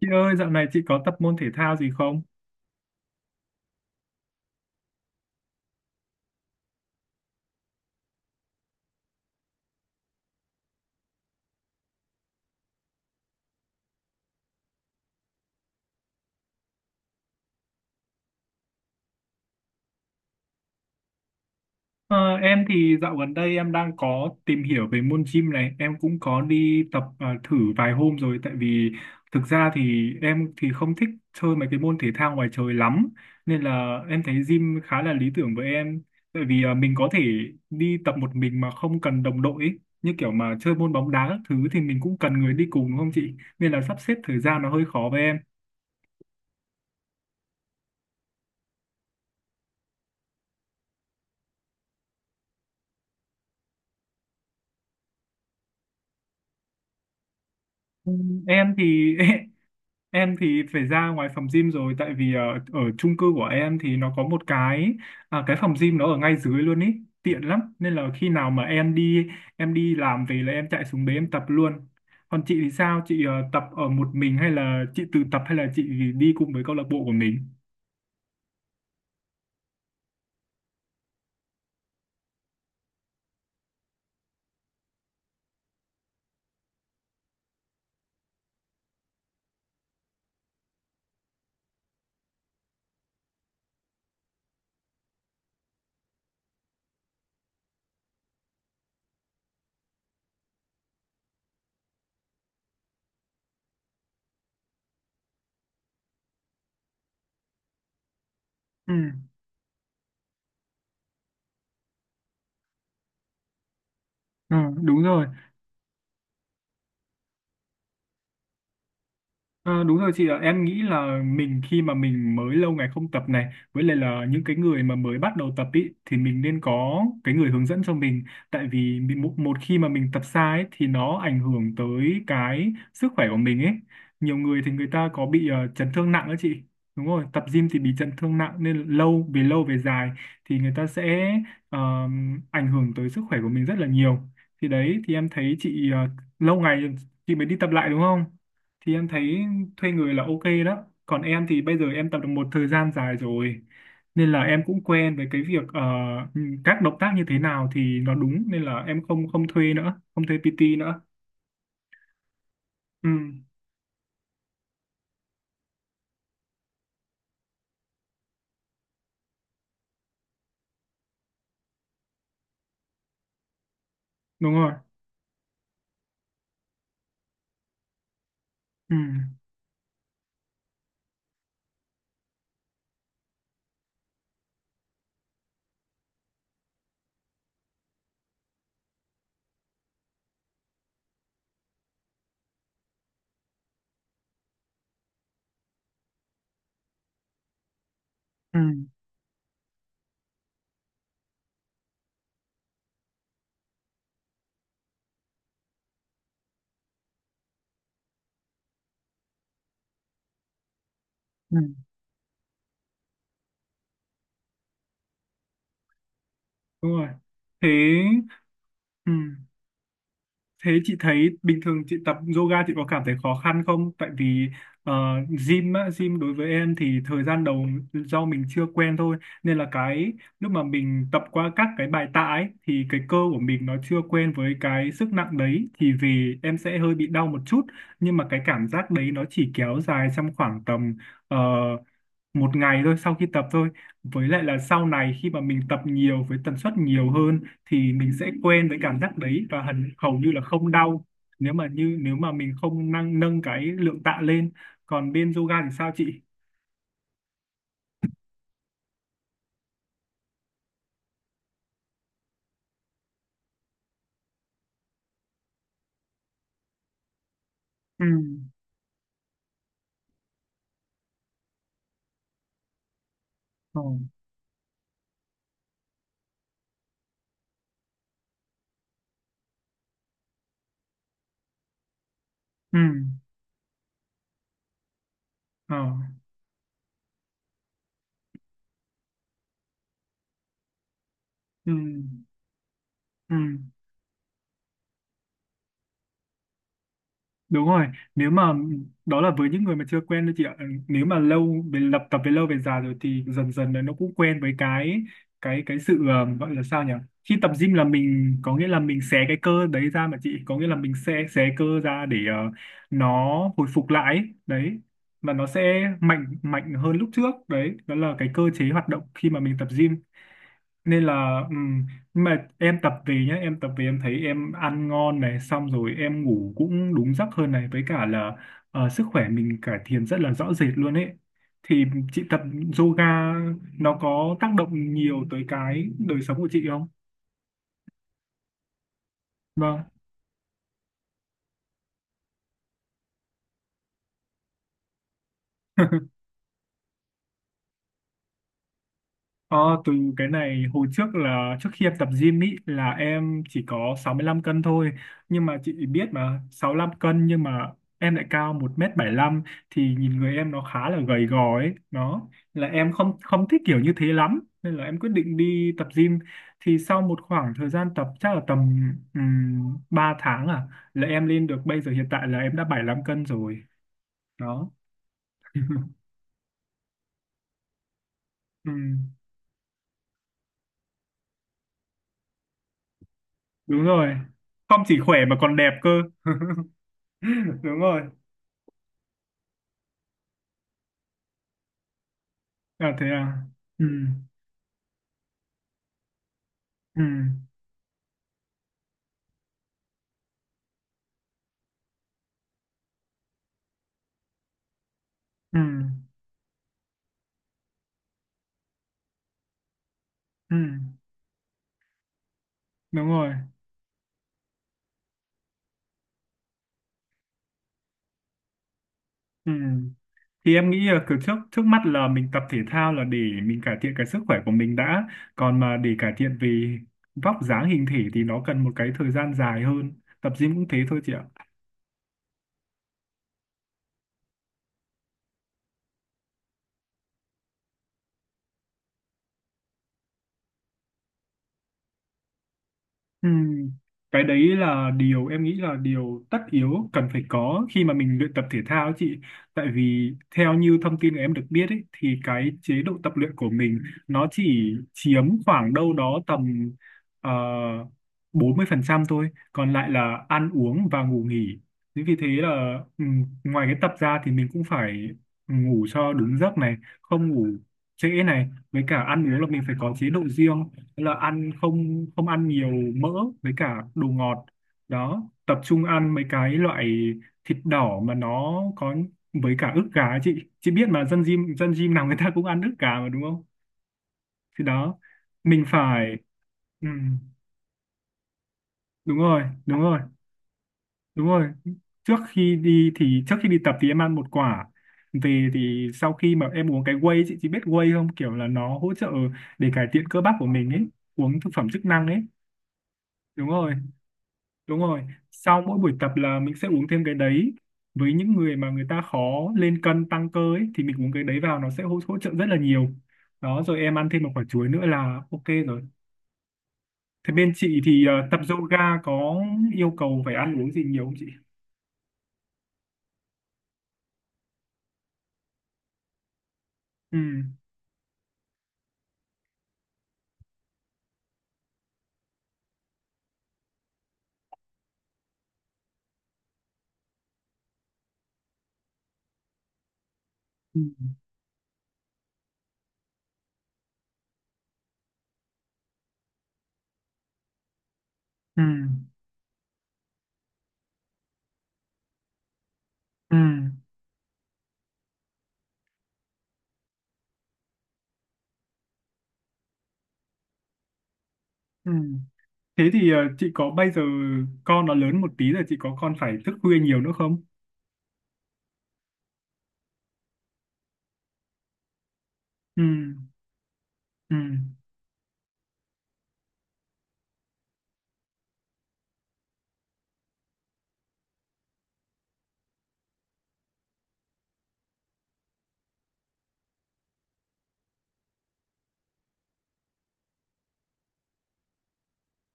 Chị ơi, dạo này chị có tập môn thể thao gì không? Ờ, em thì dạo gần đây em đang có tìm hiểu về môn gym này, em cũng có đi tập thử vài hôm rồi, tại vì thực ra thì em thì không thích chơi mấy cái môn thể thao ngoài trời lắm, nên là em thấy gym khá là lý tưởng với em. Tại vì mình có thể đi tập một mình mà không cần đồng đội ấy. Như kiểu mà chơi môn bóng đá các thứ thì mình cũng cần người đi cùng đúng không chị? Nên là sắp xếp thời gian nó hơi khó với em. Ừ. Em thì Em thì phải ra ngoài phòng gym rồi, tại vì ở chung cư của em thì nó có một cái phòng gym nó ở ngay dưới luôn ý, tiện lắm, nên là khi nào mà em đi làm về là em chạy xuống đấy em tập luôn. Còn chị thì sao, chị tập ở một mình hay là chị tự tập hay là chị đi cùng với câu lạc bộ của mình? Ừ. Ừ, đúng rồi. Ờ, Đúng rồi chị ạ, em nghĩ là mình khi mà mình mới lâu ngày không tập này, với lại là những cái người mà mới bắt đầu tập ý, thì mình nên có cái người hướng dẫn cho mình. Tại vì một khi mà mình tập sai ấy, thì nó ảnh hưởng tới cái sức khỏe của mình ấy. Nhiều người thì người ta có bị chấn thương nặng đó chị. Đúng rồi, tập gym thì bị chấn thương nặng, nên về lâu về dài thì người ta sẽ ờ, ảnh hưởng tới sức khỏe của mình rất là nhiều. Thì đấy, thì em thấy chị lâu ngày chị mới đi tập lại đúng không? Thì em thấy thuê người là ok đó, còn em thì bây giờ em tập được một thời gian dài rồi, nên là em cũng quen với cái việc các động tác như thế nào thì nó đúng, nên là em không không thuê nữa, không thuê PT nữa. Ừ, đúng rồi. Ừ. Ừ. Ừ, đúng rồi. Thế. Ừ. Thế chị thấy bình thường chị tập yoga chị có cảm thấy khó khăn không? Tại vì ờ, gym á, đối với em thì thời gian đầu do mình chưa quen thôi, nên là cái lúc mà mình tập qua các cái bài tạ ấy thì cái cơ của mình nó chưa quen với cái sức nặng đấy, thì về em sẽ hơi bị đau một chút. Nhưng mà cái cảm giác đấy nó chỉ kéo dài trong khoảng tầm ờ, một ngày thôi sau khi tập thôi. Với lại là sau này khi mà mình tập nhiều với tần suất nhiều hơn thì mình sẽ quen với cảm giác đấy và hầu như là không đau, nếu mà nếu mà mình không nâng nâng cái lượng tạ lên. Còn bên yoga thì sao chị? Ừ. Ừ. Ừ. Ờ. Ừ. Ừ. Đúng rồi, nếu mà đó là với những người mà chưa quen thôi chị ạ. Nếu mà lâu về lập tập về lâu về dài rồi thì dần dần là nó cũng quen với cái sự gọi là sao nhỉ? Khi tập gym là mình có nghĩa là mình xé cái cơ đấy ra mà chị, có nghĩa là mình sẽ xé cơ ra để nó hồi phục lại ấy. Đấy. Và nó sẽ mạnh mạnh hơn lúc trước. Đấy, đó là cái cơ chế hoạt động khi mà mình tập gym. Nên là nhưng mà em tập về nhá em tập về em thấy em ăn ngon này, xong rồi em ngủ cũng đúng giấc hơn này, với cả là sức khỏe mình cải thiện rất là rõ rệt luôn ấy. Thì chị tập yoga nó có tác động nhiều tới cái đời sống của chị không? Vâng. Ờ, Từ cái này hồi trước là trước khi em tập gym ý là em chỉ có 65 cân thôi, nhưng mà chị biết mà 65 cân nhưng mà em lại cao 1 m lăm, thì nhìn người em nó khá là gầy gò ấy, nó là em không không thích kiểu như thế lắm nên là em quyết định đi tập gym. Thì sau một khoảng thời gian tập chắc là tầm 3 tháng à, là em lên được bây giờ hiện tại là em đã 75 cân rồi. Đó. Ừm, đúng rồi, không chỉ khỏe mà còn đẹp cơ. Đúng rồi. À, thế à. Ừ. Ừ. Ừ. Ừ, đúng rồi. Ừ. Thì em nghĩ là kiểu trước trước mắt là mình tập thể thao là để mình cải thiện cái sức khỏe của mình đã, còn mà để cải thiện về vóc dáng hình thể thì nó cần một cái thời gian dài hơn. Tập gym cũng thế thôi chị ạ. Ừ. Cái đấy là điều em nghĩ là điều tất yếu cần phải có khi mà mình luyện tập thể thao ấy chị. Tại vì theo như thông tin em được biết ấy, thì cái chế độ tập luyện của mình nó chỉ chiếm khoảng đâu đó tầm ờ, 40% thôi. Còn lại là ăn uống và ngủ nghỉ. Thế vì thế là ngoài cái tập ra thì mình cũng phải ngủ cho đúng giấc này, không ngủ trễ này. Với cả ăn uống là mình phải có chế độ riêng. Thế là ăn, không, không ăn nhiều mỡ với cả đồ ngọt, đó tập trung ăn mấy cái loại thịt đỏ mà nó có với cả ức gà ấy Chị biết mà dân gym nào người ta cũng ăn ức gà mà đúng không? Thì đó mình phải. ừ, Đúng rồi, đúng rồi, đúng rồi. Trước khi đi tập thì em ăn một quả. Về thì sau khi mà em uống cái whey ấy, chị biết whey không, kiểu là nó hỗ trợ để cải thiện cơ bắp của mình ấy, uống thực phẩm chức năng ấy. Đúng rồi. Đúng rồi, sau mỗi buổi tập là mình sẽ uống thêm cái đấy. Với những người mà người ta khó lên cân tăng cơ ấy, thì mình uống cái đấy vào nó sẽ hỗ trợ rất là nhiều. Đó, rồi em ăn thêm một quả chuối nữa là ok rồi. Thế bên chị thì tập yoga có yêu cầu phải ăn uống gì nhiều không chị? Ừ. Ừ. Ừ. Ừ. Ừ. Thế thì chị có bây giờ con nó lớn một tí rồi chị có con phải thức khuya nhiều nữa không? Ừ. Ừ.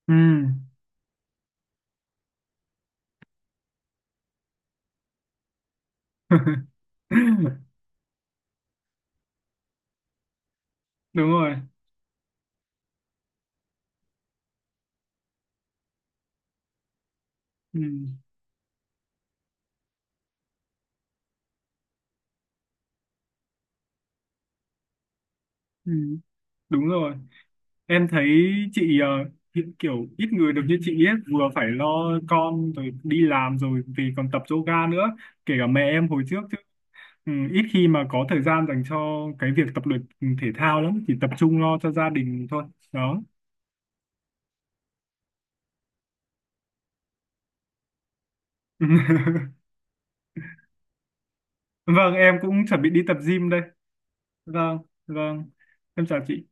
Ừ. Đúng rồi. Ừ. Ừ. Đúng rồi, em thấy chị hiện kiểu ít người được như chị ấy, vừa phải lo con rồi đi làm rồi vì còn tập yoga nữa, kể cả mẹ em hồi trước chứ. Ừ, ít khi mà có thời gian dành cho cái việc tập luyện thể thao lắm, chỉ tập trung lo cho gia đình thôi. Đó. Vâng, em cũng chuẩn bị đi tập gym đây. Vâng, vâng. Em chào chị.